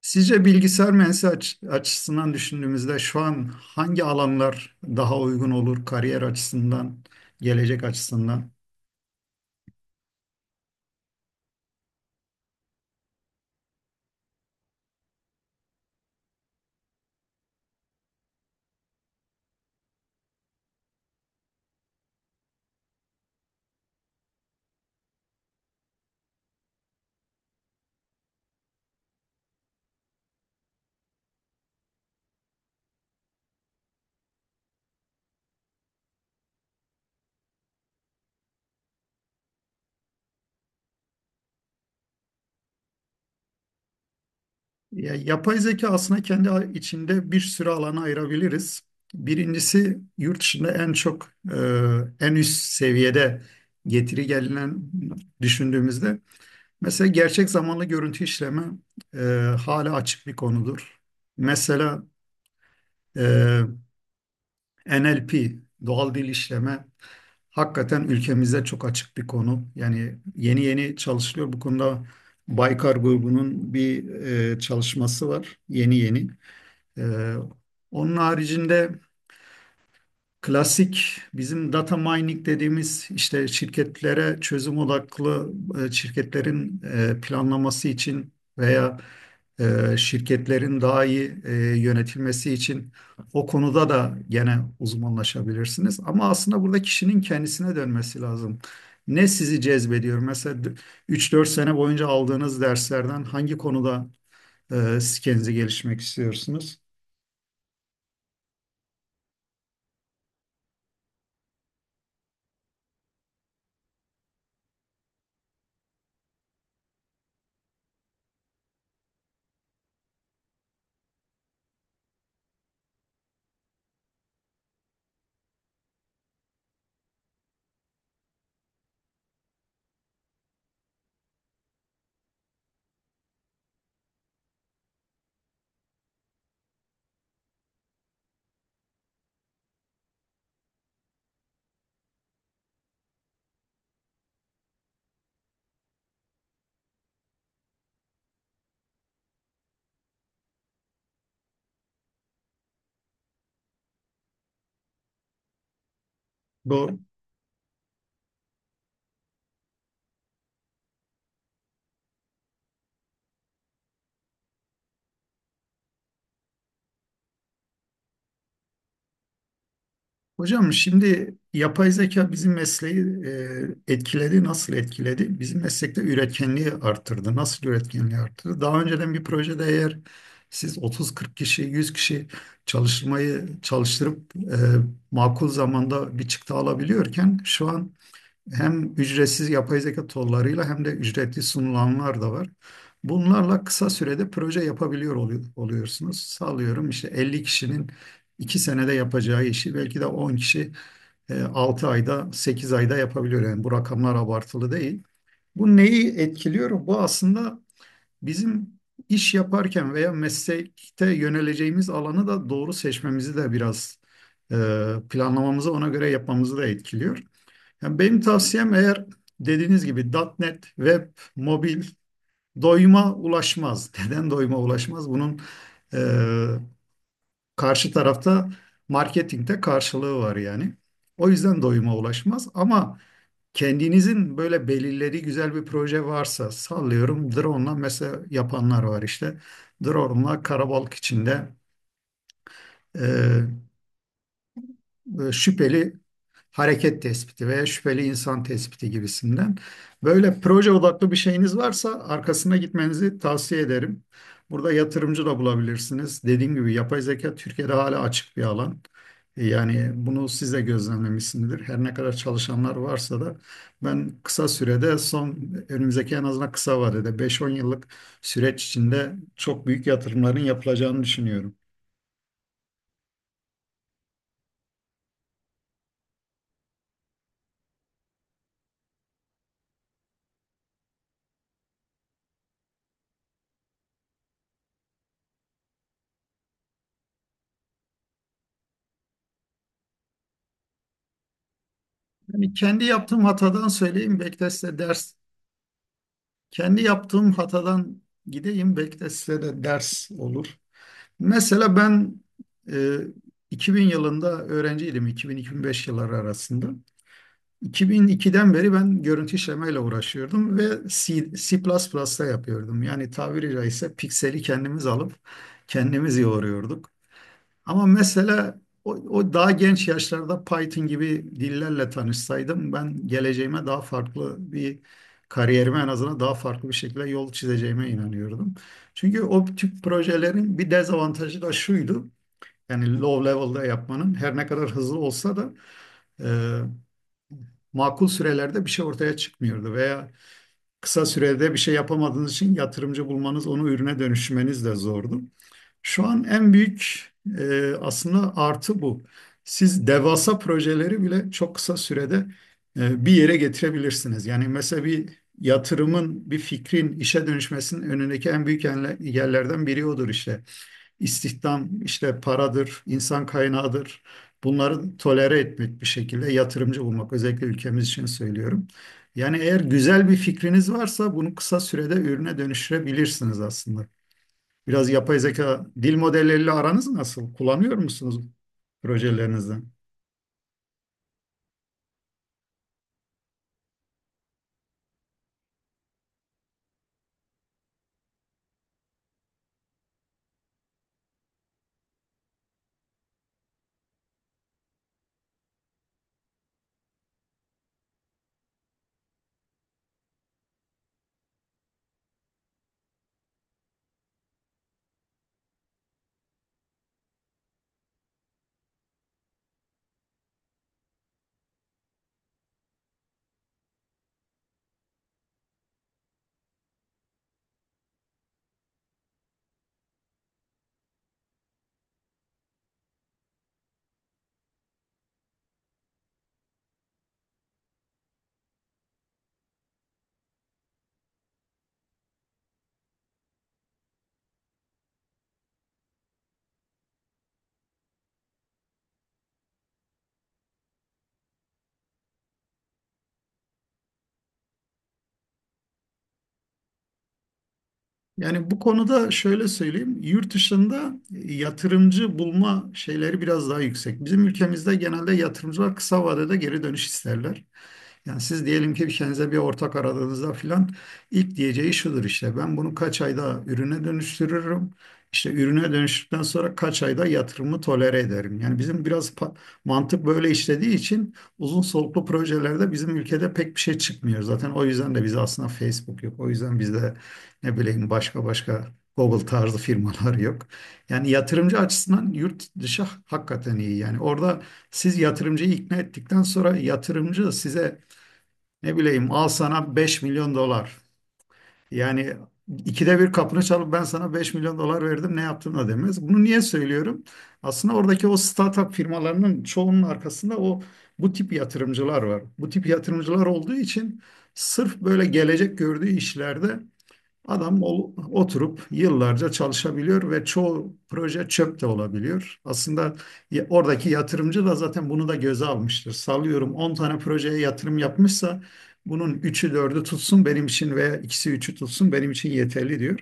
Sizce bilgisayar mühendisi açısından düşündüğümüzde şu an hangi alanlar daha uygun olur kariyer açısından, gelecek açısından? Ya, yapay zeka aslında kendi içinde bir sürü alana ayırabiliriz. Birincisi yurt dışında en çok en üst seviyede getiri gelinen düşündüğümüzde mesela gerçek zamanlı görüntü işleme e, hala açık bir konudur. Mesela e, NLP doğal dil işleme hakikaten ülkemizde çok açık bir konu. Yani yeni yeni çalışılıyor bu konuda. Baykar grubunun bir çalışması var yeni yeni. Ee, Onun haricinde klasik bizim data mining dediğimiz işte şirketlere çözüm odaklı, şirketlerin planlaması için veya şirketlerin daha iyi yönetilmesi için o konuda da gene uzmanlaşabilirsiniz. Ama aslında burada kişinin kendisine dönmesi lazım. Ne sizi cezbediyor? Mesela 3-4 sene boyunca aldığınız derslerden hangi konuda e, siz kendinizi gelişmek istiyorsunuz? Bu hocam, şimdi yapay zeka bizim mesleği etkiledi. Nasıl etkiledi? Bizim meslekte üretkenliği arttırdı. Nasıl üretkenliği arttırdı? Daha önceden bir projede eğer siz 30-40 kişi, 100 kişi çalışmayı çalıştırıp makul zamanda bir çıktı alabiliyorken şu an hem ücretsiz yapay zeka tollarıyla hem de ücretli sunulanlar da var. Bunlarla kısa sürede proje yapabiliyor oluyorsunuz. Sağlıyorum, işte 50 kişinin 2 senede yapacağı işi belki de 10 kişi 6 ayda 8 ayda yapabiliyor. Yani bu rakamlar abartılı değil. Bu neyi etkiliyor? Bu aslında bizim iş yaparken veya meslekte yöneleceğimiz alanı da doğru seçmemizi de biraz e, planlamamızı ona göre yapmamızı da etkiliyor. Yani benim tavsiyem, eğer dediğiniz gibi .NET, web, mobil doyuma ulaşmaz. Neden doyuma ulaşmaz? Bunun e, karşı tarafta marketingte karşılığı var yani. O yüzden doyuma ulaşmaz ama kendinizin böyle belirlediği güzel bir proje varsa, sallıyorum drone'la mesela yapanlar var işte. Drone'la karabalık içinde e, şüpheli hareket tespiti veya şüpheli insan tespiti gibisinden. Böyle proje odaklı bir şeyiniz varsa arkasına gitmenizi tavsiye ederim. Burada yatırımcı da bulabilirsiniz. Dediğim gibi yapay zeka Türkiye'de hala açık bir alan. Yani bunu siz de gözlemlemişsinizdir. Her ne kadar çalışanlar varsa da ben kısa sürede son önümüzdeki en azından kısa vadede 5-10 yıllık süreç içinde çok büyük yatırımların yapılacağını düşünüyorum. Yani kendi yaptığım hatadan söyleyeyim. Belki de size ders Kendi yaptığım hatadan gideyim. Belki de size de ders olur. Mesela ben e, 2000 yılında öğrenciydim. 2000-2005 yılları arasında. 2002'den beri ben görüntü işlemeyle uğraşıyordum ve C, C++'da yapıyordum. Yani tabiri caizse pikseli kendimiz alıp kendimiz yoğuruyorduk. Ama mesela o daha genç yaşlarda Python gibi dillerle tanışsaydım ben geleceğime daha farklı bir kariyerime en azından daha farklı bir şekilde yol çizeceğime inanıyordum. Çünkü o tip projelerin bir dezavantajı da şuydu. Yani low level'da yapmanın her ne kadar hızlı olsa da e, makul sürelerde bir şey ortaya çıkmıyordu veya kısa sürede bir şey yapamadığınız için yatırımcı bulmanız, onu ürüne dönüşmeniz de zordu. Şu an en büyük aslında artı bu. Siz devasa projeleri bile çok kısa sürede bir yere getirebilirsiniz. Yani mesela bir yatırımın, bir fikrin işe dönüşmesinin önündeki en büyük engellerden biri odur işte. İstihdam, işte paradır, insan kaynağıdır. Bunları tolere etmek bir şekilde yatırımcı bulmak. Özellikle ülkemiz için söylüyorum. Yani eğer güzel bir fikriniz varsa bunu kısa sürede ürüne dönüştürebilirsiniz aslında. Biraz yapay zeka dil modelleriyle aranız nasıl? Kullanıyor musunuz projelerinizde? Yani bu konuda şöyle söyleyeyim, yurt dışında yatırımcı bulma şeyleri biraz daha yüksek. Bizim ülkemizde genelde yatırımcılar kısa vadede geri dönüş isterler. Yani siz diyelim ki kendinize bir ortak aradığınızda filan, ilk diyeceği şudur, işte ben bunu kaç ayda ürüne dönüştürürüm. İşte ürüne dönüştükten sonra kaç ayda yatırımı tolere ederim. Yani bizim biraz mantık böyle işlediği için uzun soluklu projelerde bizim ülkede pek bir şey çıkmıyor. Zaten o yüzden de bize aslında Facebook yok. O yüzden bizde ne bileyim başka Google tarzı firmalar yok. Yani yatırımcı açısından yurt dışı hakikaten iyi. Yani orada siz yatırımcıyı ikna ettikten sonra yatırımcı size ne bileyim al sana 5 milyon dolar. Yani ikide bir kapını çalıp ben sana 5 milyon dolar verdim ne yaptın da demez. Bunu niye söylüyorum? Aslında oradaki o startup firmalarının çoğunun arkasında bu tip yatırımcılar var. Bu tip yatırımcılar olduğu için sırf böyle gelecek gördüğü işlerde adam oturup yıllarca çalışabiliyor ve çoğu proje çöp de olabiliyor. Aslında oradaki yatırımcı da zaten bunu da göze almıştır. Sallıyorum 10 tane projeye yatırım yapmışsa bunun üçü dördü tutsun benim için veya ikisi üçü tutsun benim için yeterli diyor.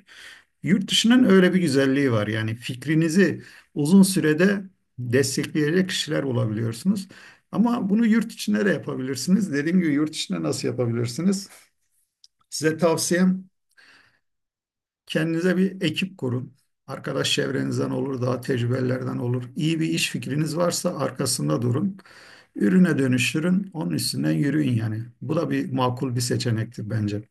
Yurt dışının öyle bir güzelliği var. Yani fikrinizi uzun sürede destekleyecek kişiler bulabiliyorsunuz. Ama bunu yurt içinde de yapabilirsiniz. Dediğim gibi yurt içinde nasıl yapabilirsiniz? Size tavsiyem, kendinize bir ekip kurun. Arkadaş çevrenizden olur, daha tecrübelerden olur. İyi bir iş fikriniz varsa arkasında durun. Ürüne dönüştürün, onun üstünden yürüyün yani. Bu da bir makul bir seçenektir bence.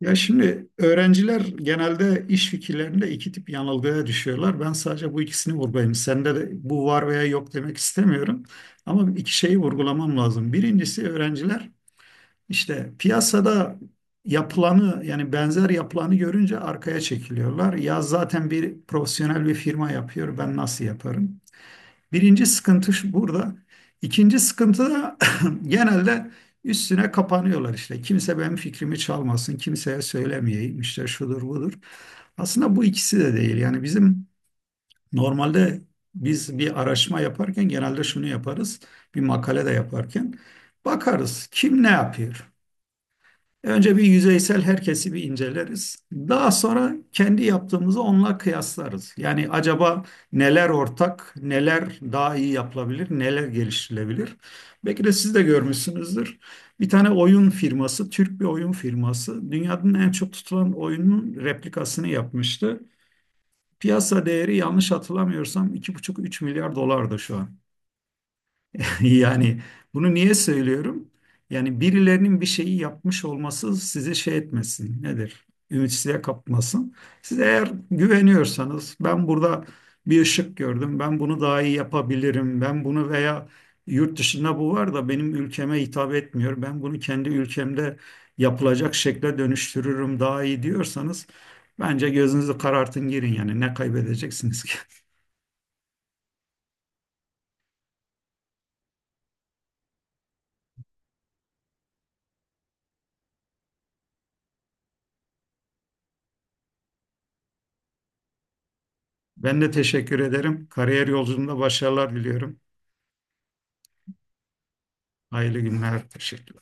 Ya şimdi öğrenciler genelde iş fikirlerinde iki tip yanılgıya düşüyorlar. Ben sadece bu ikisini vurgulayayım. Sende de bu var veya yok demek istemiyorum. Ama iki şeyi vurgulamam lazım. Birincisi öğrenciler İşte piyasada yapılanı yani benzer yapılanı görünce arkaya çekiliyorlar. Ya zaten bir profesyonel bir firma yapıyor, ben nasıl yaparım? Birinci sıkıntı burada. İkinci sıkıntı da genelde üstüne kapanıyorlar işte. Kimse benim fikrimi çalmasın, kimseye söylemeyeyim işte şudur budur. Aslında bu ikisi de değil. Yani bizim normalde biz bir araştırma yaparken genelde şunu yaparız. Bir makale de yaparken bakarız kim ne yapıyor? Önce bir yüzeysel herkesi bir inceleriz. Daha sonra kendi yaptığımızı onunla kıyaslarız. Yani acaba neler ortak, neler daha iyi yapılabilir, neler geliştirilebilir? Belki de siz de görmüşsünüzdür. Bir tane oyun firması, Türk bir oyun firması, dünyanın en çok tutulan oyunun replikasını yapmıştı. Piyasa değeri yanlış hatırlamıyorsam 2,5-3 milyar dolardı şu an. Yani bunu niye söylüyorum? Yani birilerinin bir şeyi yapmış olması sizi şey etmesin. Nedir? Ümitsizliğe kapmasın. Siz eğer güveniyorsanız ben burada bir ışık gördüm. Ben bunu daha iyi yapabilirim. Ben bunu veya yurt dışında bu var da benim ülkeme hitap etmiyor. Ben bunu kendi ülkemde yapılacak şekle dönüştürürüm daha iyi diyorsanız bence gözünüzü karartın girin yani ne kaybedeceksiniz ki? Ben de teşekkür ederim. Kariyer yolculuğunda başarılar diliyorum. Hayırlı günler. Teşekkür